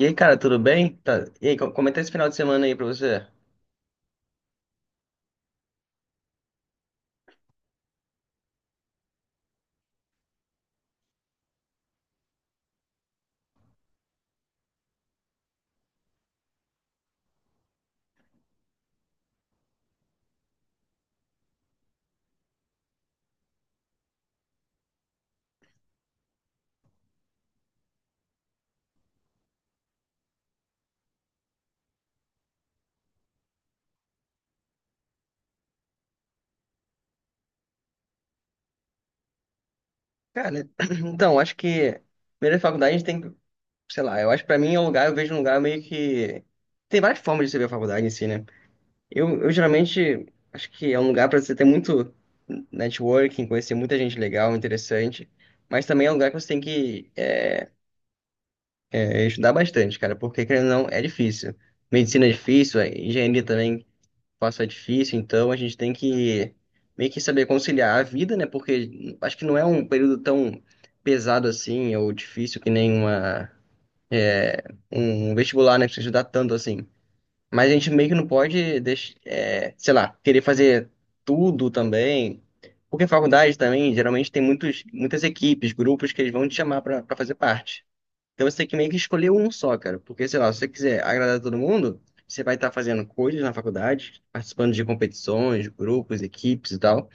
E aí, cara, tudo bem? Tá. E aí, como é que tá esse final de semana aí pra você? Cara, então, acho que primeiro a faculdade a gente tem que, sei lá, eu acho que pra mim é um lugar, eu vejo um lugar meio que. Tem várias formas de você ver a faculdade em si, né? Eu geralmente acho que é um lugar pra você ter muito networking, conhecer muita gente legal, interessante, mas também é um lugar que você tem estudar bastante, cara, porque querendo ou não, é difícil. Medicina é difícil, engenharia também. Fácil é difícil, então a gente tem que meio que saber conciliar a vida, né? Porque acho que não é um período tão pesado assim, ou difícil que nem é, um vestibular, né? Que você estudar tanto assim. Mas a gente meio que não pode, sei lá, querer fazer tudo também. Porque faculdade também, geralmente tem muitas equipes, grupos que eles vão te chamar para fazer parte. Então você tem que meio que escolher um só, cara. Porque, sei lá, se você quiser agradar todo mundo, você vai estar fazendo coisas na faculdade, participando de competições, grupos, equipes e tal.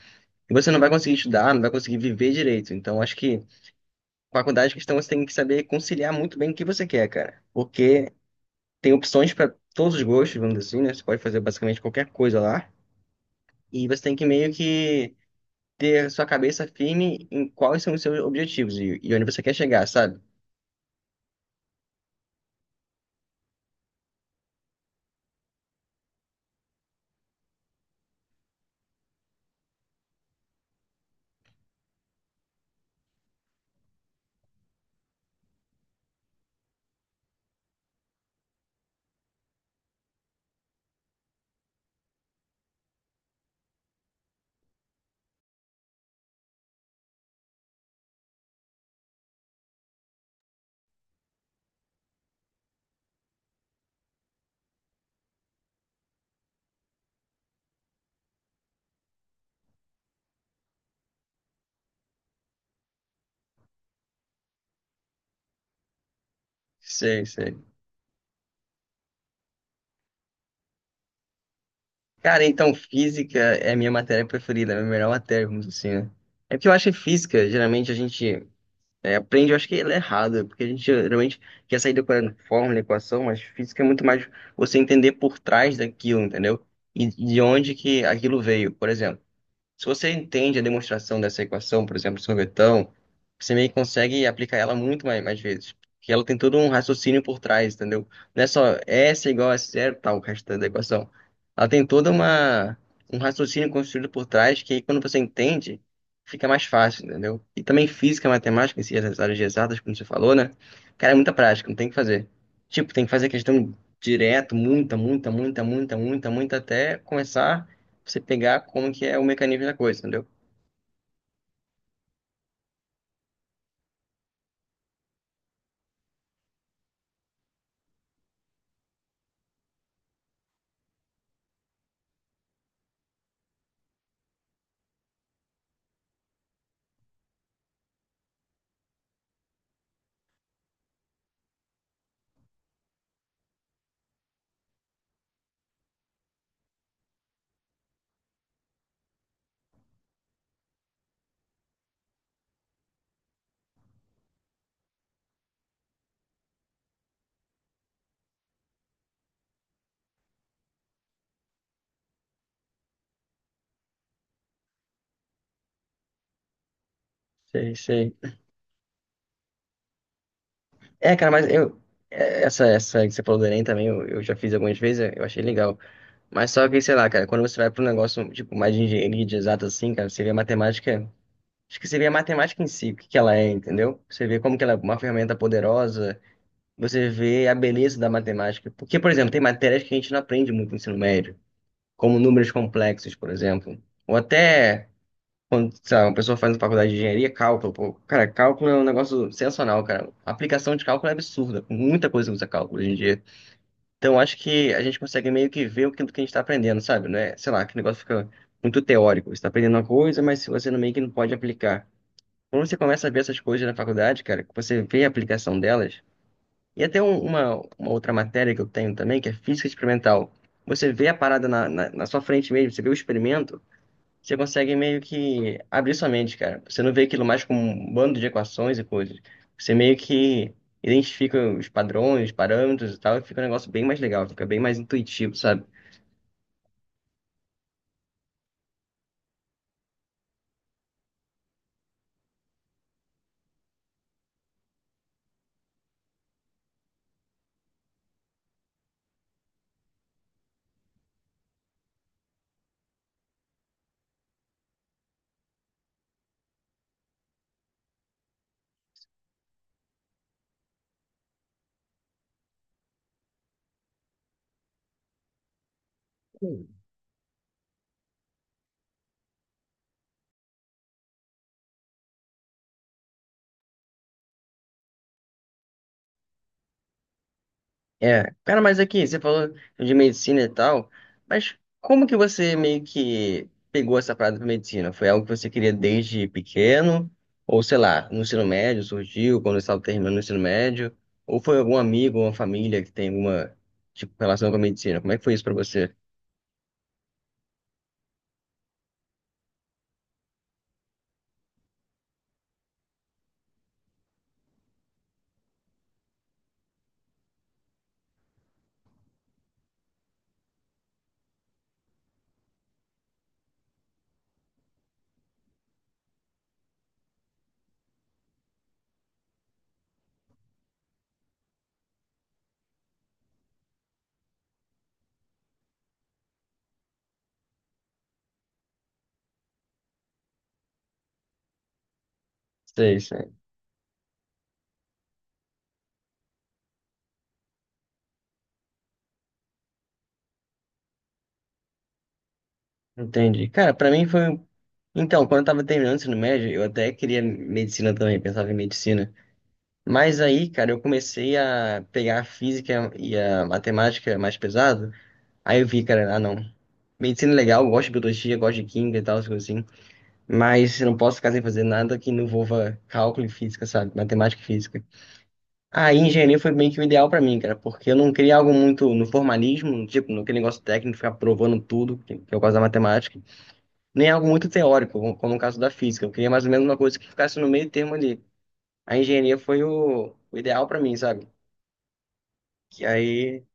E você não vai conseguir estudar, não vai conseguir viver direito. Então, acho que faculdade e questão você tem que saber conciliar muito bem o que você quer, cara. Porque tem opções para todos os gostos, vamos dizer assim, né? Você pode fazer basicamente qualquer coisa lá. E você tem que meio que ter sua cabeça firme em quais são os seus objetivos e onde você quer chegar, sabe? Sei, sei. Cara, então física é a minha matéria preferida, é a minha melhor matéria, vamos dizer assim, né? É porque eu acho que física, geralmente a gente aprende, eu acho que ela é errada, porque a gente geralmente quer sair decorando fórmula, equação, mas física é muito mais você entender por trás daquilo, entendeu? E de onde que aquilo veio, por exemplo. Se você entende a demonstração dessa equação, por exemplo, sorvetão, você meio que consegue aplicar ela muito mais, mais vezes. Porque ela tem todo um raciocínio por trás, entendeu? Não é só S igual a zero, tal, o resto da equação. Ela tem toda uma um raciocínio construído por trás que aí, quando você entende, fica mais fácil, entendeu? E também física, matemática, em si, essas áreas de exatas, como você falou, né? Cara, é muita prática, não tem o que fazer. Tipo, tem que fazer questão direto, muita, muita, muita, muita, muita, muita, até começar você pegar como que é o mecanismo da coisa, entendeu? Sei, sei. É, cara, Essa, essa que você falou do Enem também, eu já fiz algumas vezes, eu achei legal. Mas só que, sei lá, cara, quando você vai para um negócio, tipo, mais de engenharia de exato assim, cara, você vê a matemática. Acho que você vê a matemática em si, o que que ela é, entendeu? Você vê como que ela é uma ferramenta poderosa, você vê a beleza da matemática. Porque, por exemplo, tem matérias que a gente não aprende muito no ensino médio, como números complexos, por exemplo. Ou até. Quando, sei lá, uma pessoa faz uma faculdade de engenharia, cálculo, pô, cara, cálculo é um negócio sensacional, cara. A aplicação de cálculo é absurda. Muita coisa usa cálculo hoje em dia. Então, acho que a gente consegue meio que ver o que, do que a gente está aprendendo, sabe? Não é, sei lá, que o negócio fica muito teórico. Você está aprendendo uma coisa, mas você meio que não pode aplicar. Quando você começa a ver essas coisas na faculdade, cara, que você vê a aplicação delas, e até uma outra matéria que eu tenho também, que é física experimental. Você vê a parada na sua frente mesmo, você vê o experimento, você consegue meio que abrir sua mente, cara. Você não vê aquilo mais como um bando de equações e coisas. Você meio que identifica os padrões, os parâmetros e tal, e fica um negócio bem mais legal, fica bem mais intuitivo, sabe? É, cara, mas aqui, você falou de medicina e tal, mas como que você meio que pegou essa parada pra medicina? Foi algo que você queria desde pequeno? Ou sei lá, no ensino médio surgiu, quando você estava terminando o ensino médio? Ou foi algum amigo, uma família que tem alguma, tipo, relação com a medicina? Como é que foi isso pra você? Sei, sei. Entendi. Cara, pra mim foi. Então, quando eu tava terminando o ensino médio, eu até queria medicina também, pensava em medicina. Mas aí, cara, eu comecei a pegar a física e a matemática mais pesado. Aí eu vi, cara, ah, não. Medicina é legal, eu gosto de biologia, gosto de química e tal, essas coisas assim. Mas eu não posso ficar sem fazer nada que não envolva cálculo e física, sabe? Matemática e física. Aí engenharia foi meio que o ideal pra mim, cara, porque eu não queria algo muito no formalismo, tipo, naquele negócio técnico, ficar provando tudo, que é o caso da matemática, nem algo muito teórico, como no caso da física. Eu queria mais ou menos uma coisa que ficasse no meio termo ali. A engenharia foi o ideal pra mim, sabe? Que aí.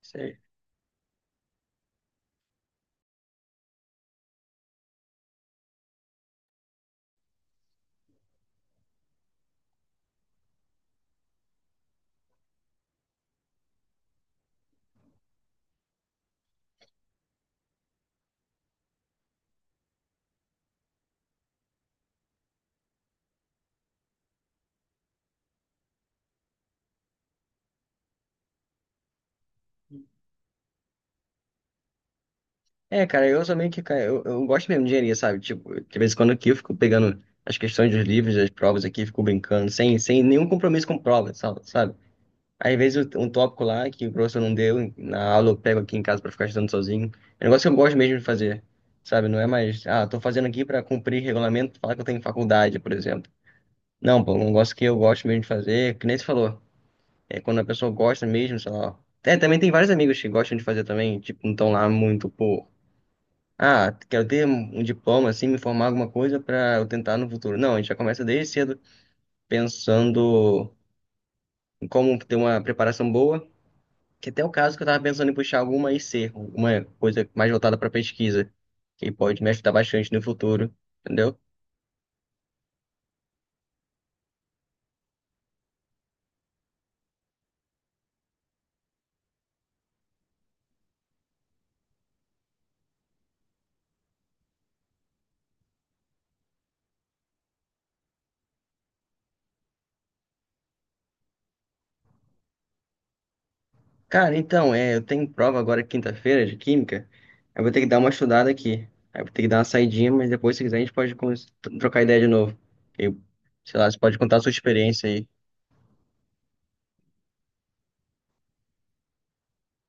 Sei. É, cara, eu sou meio que. Cara, eu gosto mesmo de engenharia, sabe? Tipo, de vez em quando aqui eu fico pegando as questões dos livros, das provas aqui, fico brincando, sem nenhum compromisso com prova, sabe? Às vezes um tópico lá que o professor não deu na aula, eu pego aqui em casa pra ficar estudando sozinho. É um negócio que eu gosto mesmo de fazer, sabe? Não é mais, ah, tô fazendo aqui pra cumprir regulamento, falar que eu tenho faculdade, por exemplo. Não, pô, é um negócio que eu gosto mesmo de fazer, que nem você falou. É quando a pessoa gosta mesmo, sei lá. É, também tem vários amigos que gostam de fazer também, tipo, não estão lá muito por. Ah, quero ter um diploma, assim, me formar alguma coisa para eu tentar no futuro. Não, a gente já começa desde cedo pensando em como ter uma preparação boa, que até é o caso que eu estava pensando em puxar alguma IC, alguma coisa mais voltada para pesquisa, que pode me ajudar bastante no futuro, entendeu? Cara, então, é, eu tenho prova agora quinta-feira de química. Eu vou ter que dar uma estudada aqui. Aí eu vou ter que dar uma saidinha, mas depois, se quiser, a gente pode trocar ideia de novo. Eu, sei lá, você pode contar a sua experiência aí.